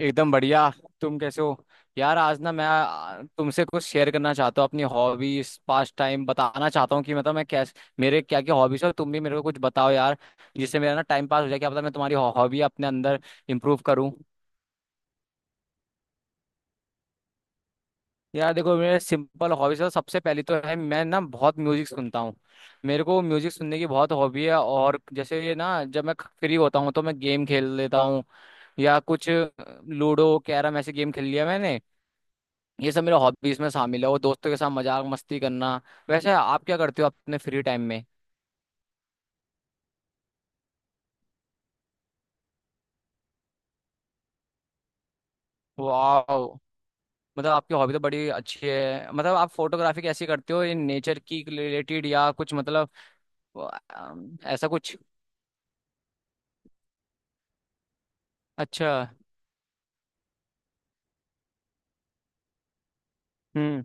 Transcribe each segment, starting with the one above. एकदम बढ़िया। तुम कैसे हो? यार आज ना मैं तुमसे कुछ शेयर करना चाहता हूँ, अपनी हॉबीज पास टाइम बताना चाहता हूँ कि मतलब मैं कैसे, मेरे क्या क्या हॉबीज है। तुम भी मेरे को कुछ बताओ यार, जिससे मेरा ना टाइम पास हो जाए, क्या पता मैं तुम्हारी हॉबी अपने अंदर इम्प्रूव करूँ। यार देखो, मेरे सिंपल हॉबीज है, सबसे पहली तो है, मैं ना बहुत म्यूजिक सुनता हूँ। मेरे को म्यूजिक सुनने की बहुत हॉबी है। और जैसे ये ना, जब मैं फ्री होता हूँ तो मैं गेम खेल लेता हूँ, या कुछ लूडो कैरम ऐसे गेम खेल लिया मैंने। ये सब मेरे हॉबीज में शामिल है, वो दोस्तों के साथ मजाक मस्ती करना। वैसे आप क्या करते हो अपने फ्री टाइम में? वाह! मतलब आपकी हॉबी तो बड़ी अच्छी है। मतलब आप फोटोग्राफी कैसी करते हो, इन नेचर की रिलेटेड या कुछ मतलब ऐसा कुछ। अच्छा। हम्म।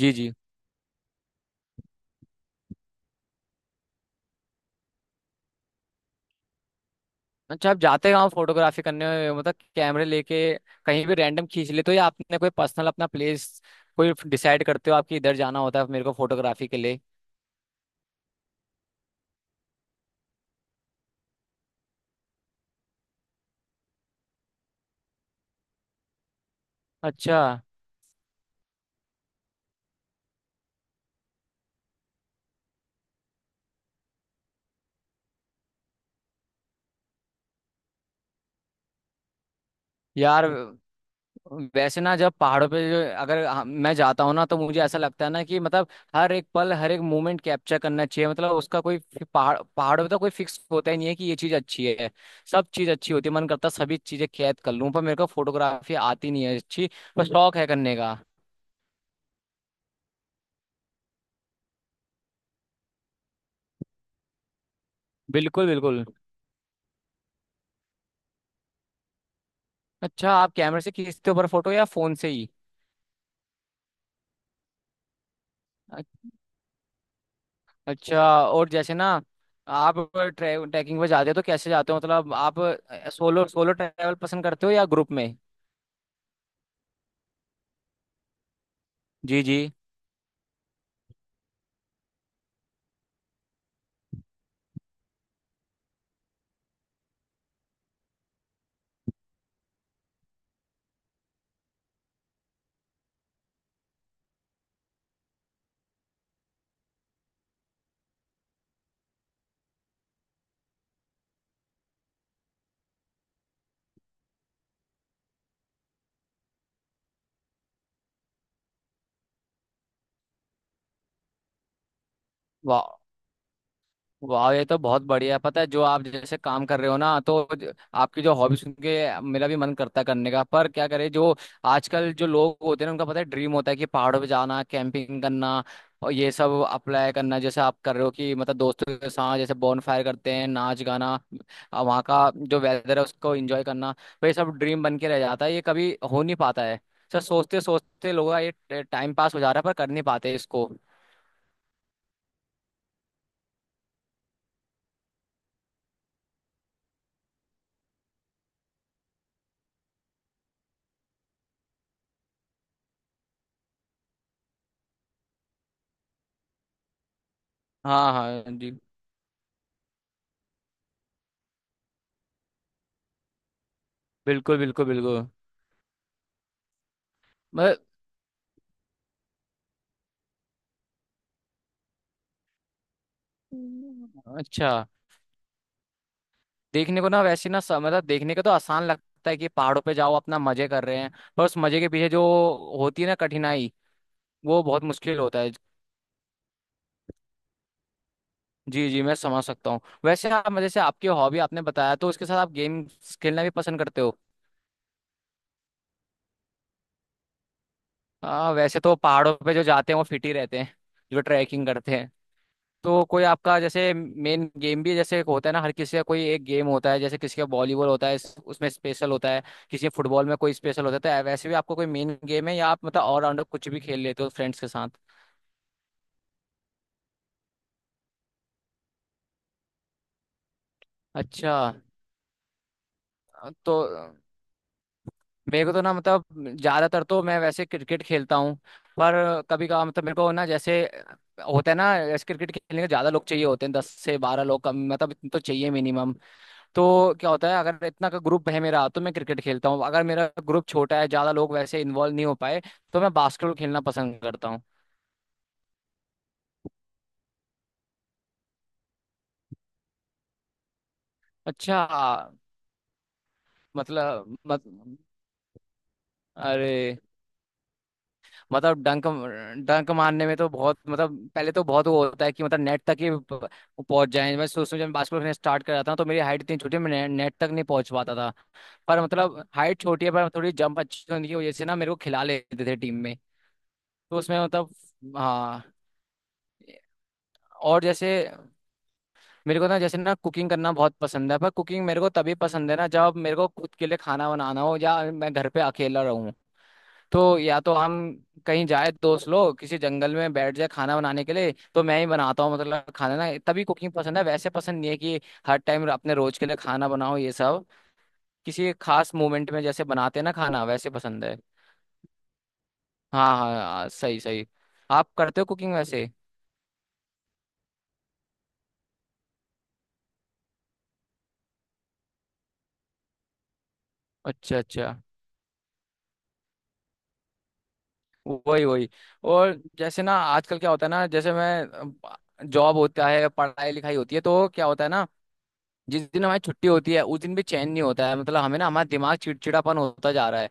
जी जी। अच्छा आप जाते कहाँ फोटोग्राफी करने? मतलब कैमरे लेके कहीं भी रैंडम खींच लेते हो, या आपने कोई पर्सनल अपना प्लेस कोई डिसाइड करते हो, आपकी इधर जाना होता है मेरे को फोटोग्राफी के लिए? अच्छा। यार वैसे ना जब पहाड़ों पे जो, अगर मैं जाता हूँ ना, तो मुझे ऐसा लगता है ना कि मतलब हर एक पल, हर एक मोमेंट कैप्चर करना चाहिए। मतलब उसका कोई पहाड़ों पे तो कोई फिक्स होता ही नहीं है कि ये चीज़ अच्छी है। सब चीज़ अच्छी होती है। मन करता है सभी चीज़ें कैद कर लूँ, पर मेरे को फोटोग्राफी आती नहीं है अच्छी, पर शौक है करने का। बिल्कुल बिल्कुल। अच्छा आप कैमरे से खींचते हो पर फोटो, या फ़ोन से ही? अ- अच्छा। और जैसे ना, आप ट्रैकिंग पे जाते हो तो कैसे जाते हो, मतलब आप सोलो, सोलो ट्रैवल पसंद करते हो या ग्रुप में? जी जी। वाह। वाह ये तो बहुत बढ़िया है। पता है जो आप जैसे काम कर रहे हो ना, तो आपकी जो हॉबी सुन के मेरा भी मन करता है करने का, पर क्या करें। जो आजकल जो लोग होते हैं ना उनका पता है ड्रीम होता है कि पहाड़ों पे जाना, कैंपिंग करना और ये सब अप्लाई करना, जैसे आप कर रहे हो कि मतलब दोस्तों के साथ जैसे बॉन फायर करते हैं, नाच गाना, वहाँ का जो वेदर है उसको एंजॉय करना। तो ये सब ड्रीम बन के रह जाता है, ये कभी हो नहीं पाता है। सर सोचते सोचते लोगों का ये टाइम पास हो जा रहा है, पर कर नहीं पाते इसको। हाँ हाँ जी। बिल्कुल बिल्कुल बिल्कुल। मतलब अच्छा, देखने को ना वैसे ना मतलब देखने को तो आसान लगता है कि पहाड़ों पे जाओ अपना मजे कर रहे हैं, पर उस मजे के पीछे जो होती है ना कठिनाई, वो बहुत मुश्किल होता है। जी जी मैं समझ सकता हूँ। वैसे आप मतलब जैसे आपकी हॉबी आपने बताया, तो उसके साथ आप गेम खेलना भी पसंद करते हो? हाँ, वैसे तो पहाड़ों पे जो जाते हैं वो फिट ही रहते हैं, जो ट्रैकिंग करते हैं। तो कोई आपका जैसे मेन गेम भी, जैसे एक होता है ना हर किसी का, कोई एक गेम होता है, जैसे किसी का वॉलीबॉल होता है, उसमें स्पेशल होता है, किसी का फुटबॉल में कोई स्पेशल होता है, तो वैसे भी आपका कोई मेन गेम है, या आप मतलब ऑलराउंडर कुछ भी खेल लेते हो फ्रेंड्स के साथ? अच्छा। तो मेरे को तो ना, मतलब ज्यादातर तो मैं वैसे क्रिकेट खेलता हूँ, पर कभी कभार मतलब मेरे को ना जैसे होता है ना, जैसे क्रिकेट खेलने के ज्यादा लोग चाहिए होते हैं, 10 से 12 लोग कम, मतलब इतने तो चाहिए मिनिमम। तो क्या होता है, अगर इतना का ग्रुप है मेरा तो मैं क्रिकेट खेलता हूँ। अगर मेरा ग्रुप छोटा है, ज्यादा लोग वैसे इन्वॉल्व नहीं हो पाए, तो मैं बास्केटबॉल खेलना पसंद करता हूँ। अच्छा। मतलब मत, अरे! मतलब डंक, डंक मारने में तो बहुत, मतलब पहले तो बहुत वो होता है कि मतलब नेट तक ही पहुंच जाए। मैं सोचता हूँ जब मैं बास्केटबॉल खेलना स्टार्ट कर जाता हूँ, तो मेरी हाइट इतनी छोटी है, नेट तक नहीं पहुंच पाता था। पर मतलब हाइट छोटी है, पर थोड़ी जंप अच्छी होने की वजह से ना मेरे को खिला लेते थे टीम में। तो उसमें मतलब, हाँ। और जैसे मेरे को ना, जैसे ना कुकिंग करना बहुत पसंद है, पर कुकिंग मेरे को तभी पसंद है ना जब मेरे को खुद के लिए खाना बनाना हो, या मैं घर पे अकेला रहूं। तो या तो हम कहीं जाए दोस्त लोग, किसी जंगल में बैठ जाए खाना बनाने के लिए, तो मैं ही बनाता हूँ मतलब खाना। ना, तभी कुकिंग पसंद है, वैसे पसंद नहीं है कि हर टाइम अपने रोज के लिए खाना बनाओ ये सब। किसी खास मोमेंट में जैसे बनाते हैं ना खाना, वैसे पसंद है। हाँ हाँ हाँ, सही सही। आप करते हो कुकिंग वैसे? अच्छा अच्छा। वही वही। और जैसे ना आजकल क्या होता है ना, जैसे मैं जॉब होता है, पढ़ाई लिखाई होती है, तो क्या होता है ना, जिस दिन हमारी छुट्टी होती है उस दिन भी चैन नहीं होता है, मतलब हमें ना हमारा दिमाग चिड़चिड़ापन होता जा रहा है।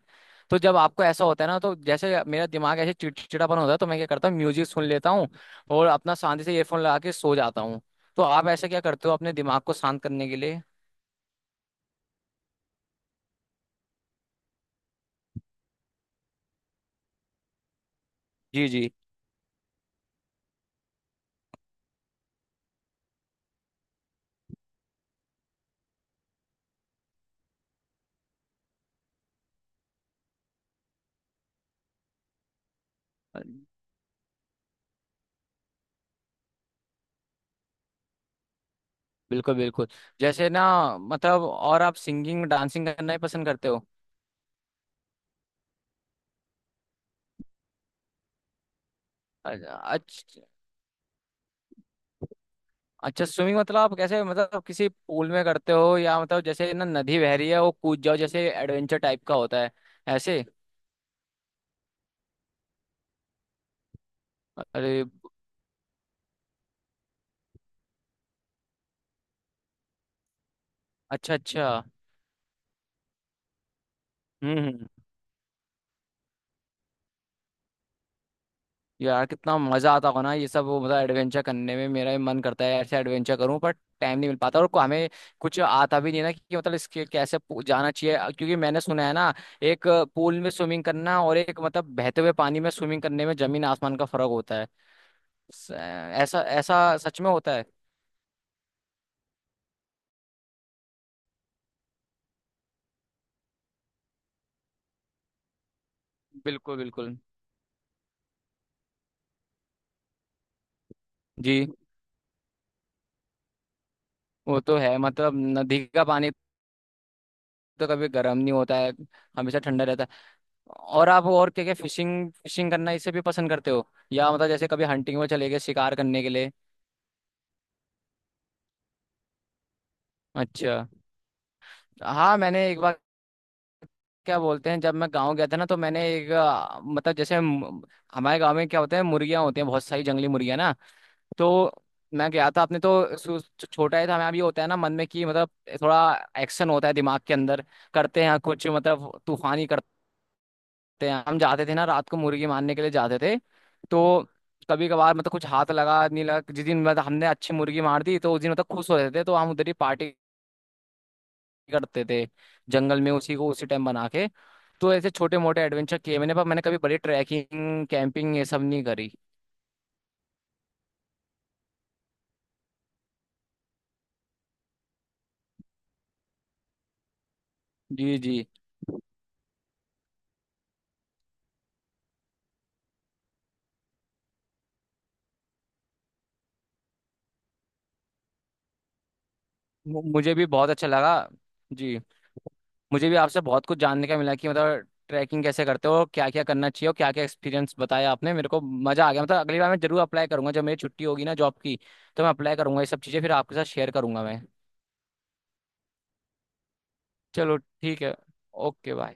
तो जब आपको ऐसा होता है ना, तो जैसे मेरा दिमाग ऐसे चिड़चिड़ापन होता है, तो मैं क्या करता हूँ म्यूजिक सुन लेता हूँ, और अपना शांति से ईयरफोन लगा के सो जाता हूँ। तो आप ऐसा क्या करते हो अपने दिमाग को शांत करने के लिए? जी जी। बिल्कुल बिल्कुल। जैसे ना, मतलब और आप सिंगिंग डांसिंग करना ही पसंद करते हो? अच्छा। अच्छा स्विमिंग, मतलब आप कैसे, मतलब किसी पूल में करते हो, या मतलब जैसे ना नदी बह रही है वो कूद जाओ, जैसे एडवेंचर टाइप का होता है ऐसे? अरे! अच्छा अच्छा। हम्म हम्म। यार कितना मजा आता होगा ना ये सब वो, मतलब एडवेंचर करने में मेरा भी मन करता है ऐसे एडवेंचर करूं, पर टाइम नहीं मिल पाता, और हमें कुछ आता भी नहीं ना कि मतलब इसके कैसे जाना चाहिए। क्योंकि मैंने सुना है ना, एक पूल में स्विमिंग करना और एक मतलब बहते हुए पानी में स्विमिंग करने में जमीन आसमान का फर्क होता है। स- ऐसा, ऐसा सच में होता है? बिल्कुल बिल्कुल। जी। वो तो है, मतलब नदी का पानी तो कभी गर्म नहीं होता है, हमेशा ठंडा रहता है। और आप और क्या क्या, फिशिंग, फिशिंग करना इसे भी पसंद करते हो, या मतलब जैसे कभी हंटिंग में चले गए शिकार करने के लिए? अच्छा। हाँ मैंने एक बार, क्या बोलते हैं, जब मैं गांव गया था ना, तो मैंने एक मतलब जैसे हमारे गांव में क्या होते हैं, मुर्गियां होती हैं, बहुत सारी जंगली मुर्गियां ना। तो मैं गया था अपने, तो छोटा ही था मैं अभी, होता है ना मन में कि मतलब थोड़ा एक्शन होता है दिमाग के अंदर, करते हैं कुछ मतलब तूफानी, करते थे हम, जाते थे ना रात को मुर्गी मारने के लिए जाते थे। तो कभी कभार मतलब कुछ हाथ लगा नहीं लगा, जिस दिन मतलब हमने अच्छी मुर्गी मार दी, तो उस दिन मतलब खुश होते थे, तो हम उधर ही पार्टी करते थे जंगल में, उसी को उसी टाइम बना के। तो ऐसे छोटे मोटे एडवेंचर किए मैंने, पर मैंने कभी बड़ी ट्रैकिंग कैंपिंग ये सब नहीं करी। जी जी। मुझे भी बहुत अच्छा लगा। जी। मुझे भी आपसे बहुत कुछ जानने का मिला कि मतलब ट्रैकिंग कैसे करते हो, क्या क्या करना चाहिए, और क्या क्या एक्सपीरियंस बताया आपने, मेरे को मजा आ गया। मतलब अगली बार मैं जरूर अप्लाई करूंगा, जब मेरी छुट्टी होगी ना जॉब की, तो मैं अप्लाई करूंगा ये सब चीजें, फिर आपके साथ शेयर करूंगा मैं। चलो ठीक है। Okay bye.